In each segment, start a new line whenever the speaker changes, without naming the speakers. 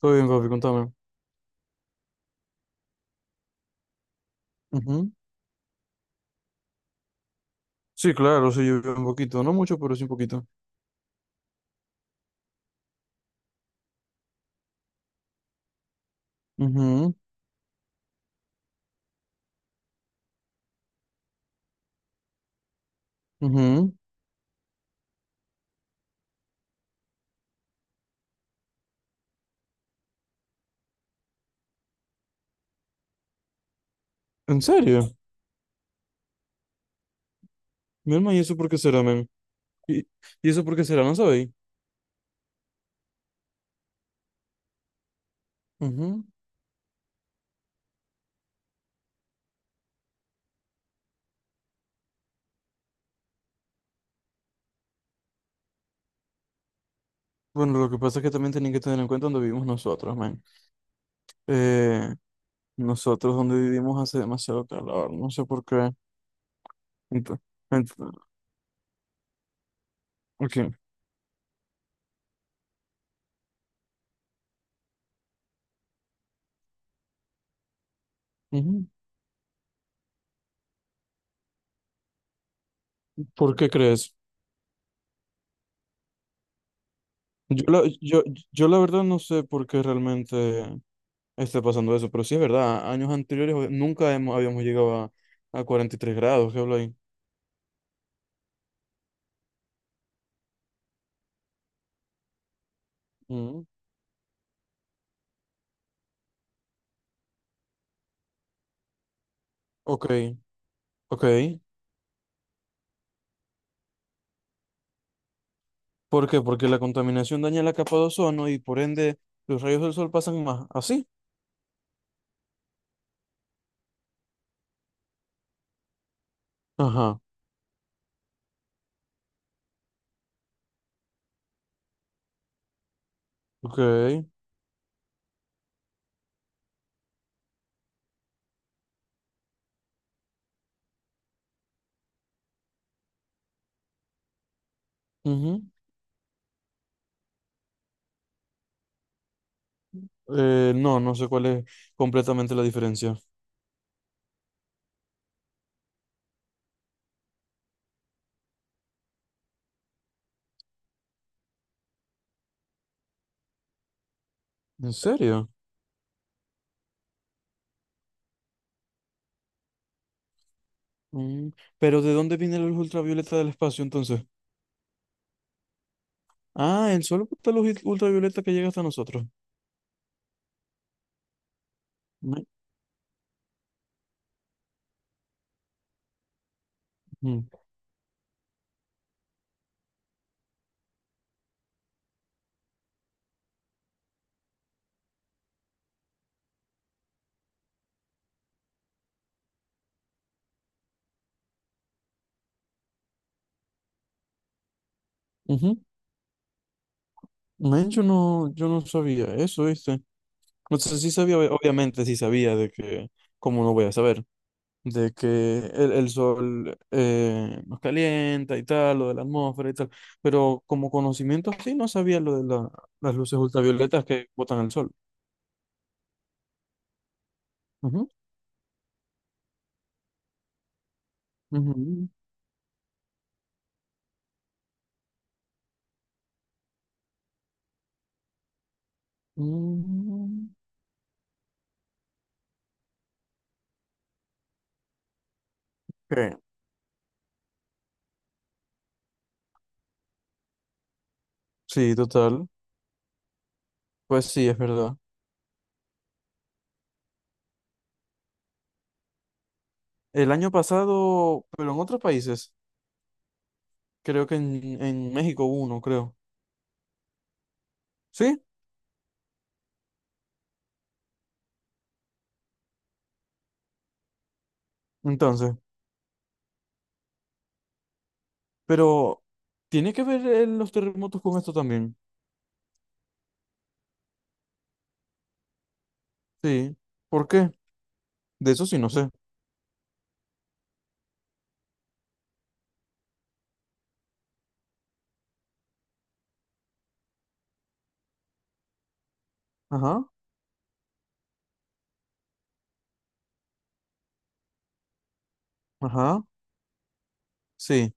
Todo bien, papi, contame. Ujú. Sí, claro, sí llovió un poquito, no mucho, pero sí un poquito. Ujú, ujú. ¿En serio? Mi hermano, ¿y eso por qué será, men? ¿Y, y eso por qué será? ¿No sabéis? Ujú. Bueno, lo que pasa es que también tenéis que tener en cuenta dónde vivimos nosotros, men. Eh, Nosotros donde vivimos hace demasiado calor, no sé por qué. Ento- ento- ok. Ujú. ¿Por qué crees? Yo la, yo, yo la verdad no sé por qué realmente esté pasando eso. Pero sí es verdad, años anteriores nunca hemos- habíamos llegado a 43 grados, ¿qué hablo ahí? Mm. Ok, ok. ¿Por qué? Porque la contaminación daña la capa de ozono y por ende los rayos del sol pasan más. ¿Así? Ajá, ok. Ujú. No, no sé cuál es completamente la diferencia. ¿En serio? Mm. Pero ¿de dónde viene la luz ultravioleta del espacio entonces? Ah, el sol bota luz ultravioleta que llega hasta nosotros. Me- Ujú, ujú. Men, yo no sabía eso, ¿viste? O sea, sí sabía, obviamente sí sabía de que, ¿cómo no voy a saber? De que el sol nos calienta y tal, lo de la atmósfera y tal, pero como conocimiento sí no sabía las luces ultravioletas que botan el sol. Ujú, ujú, mm, ok. Sí, total. Pues sí, es verdad. El año pasado, pero en otros países, creo que en México hubo uno, creo. ¿Sí? Entonces, pero ¿tiene que ver los terremotos con esto también? Sí. ¿Por qué? De eso sí no sé. Ajá, ajá. Sí.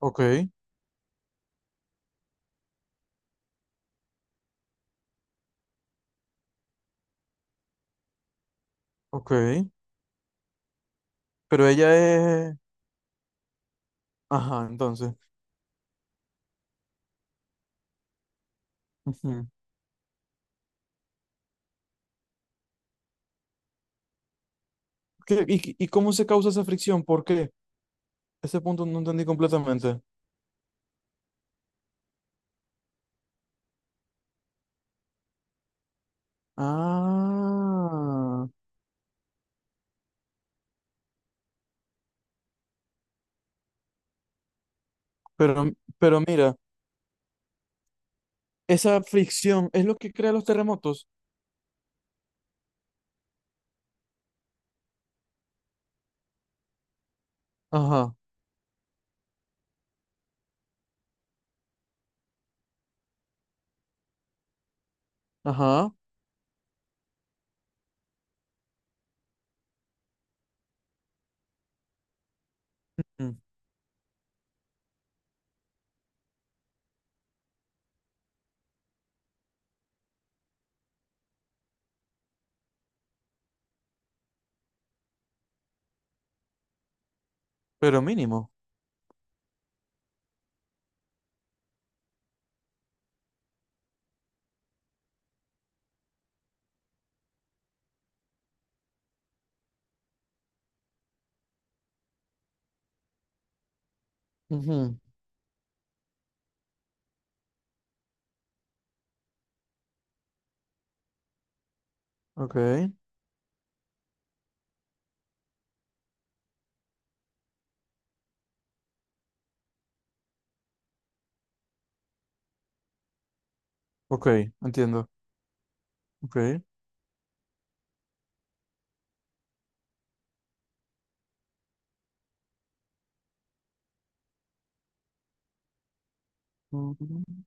Ok, ok. Pero ella es. Ajá, entonces. Ujú. ¿Y cómo se causa esa fricción? ¿Por qué? Ese punto no entendí completamente. Ah. Pero, pero mira, esa fricción es lo que crea los terremotos. Ajá, ajá. Mm. Pero mínimo. Ujú. Ok, ok, entiendo. Ok. Mm.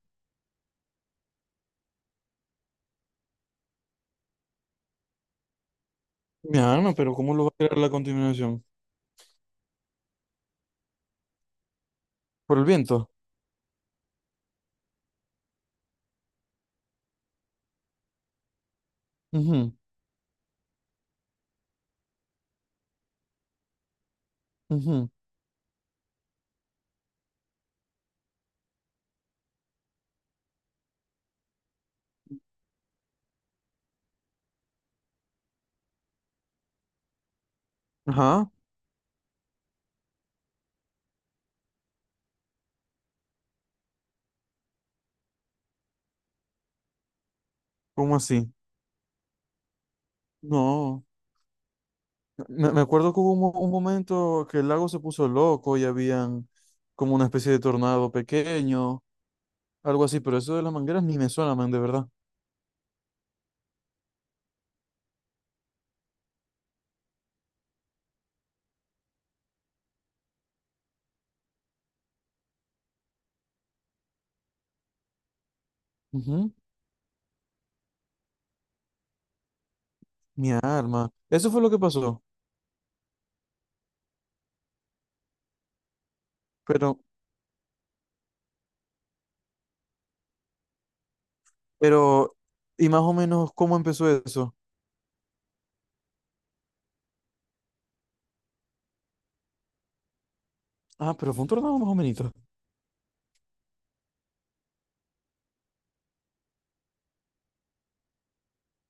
Mi alma, pero ¿cómo lo va a crear la continuación? Por el viento. Ujú, ujú. Ajá, ¿cómo así? No, me acuerdo que hubo un momento que el lago se puso loco y habían como una especie de tornado pequeño, algo así, pero eso de las mangueras ni me suena, man, de verdad. Ujú. Mi alma. Eso fue lo que pasó, pero, pero, y más o menos, ¿cómo empezó eso? Ah, pero fue un tornado más o menos.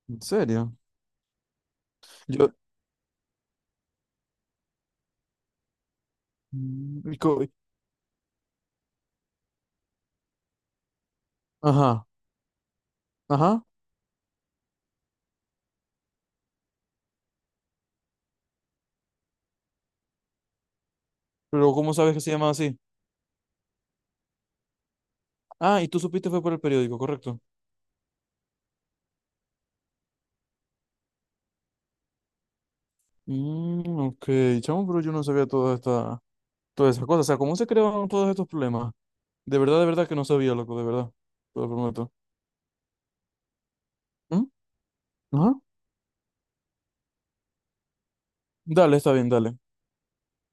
¿En serio? Yo, Mm, y co- ajá, ajá, pero ¿cómo sabes que se llama así? Ah, y tú supiste fue por el periódico, correcto. Mm, ok, chamo, pero yo no sabía todas esas cosas. O sea, ¿cómo se creaban todos estos problemas? De verdad que no sabía, loco, de verdad. Te lo prometo. ¿Mm? Ajá. Dale, está bien, dale.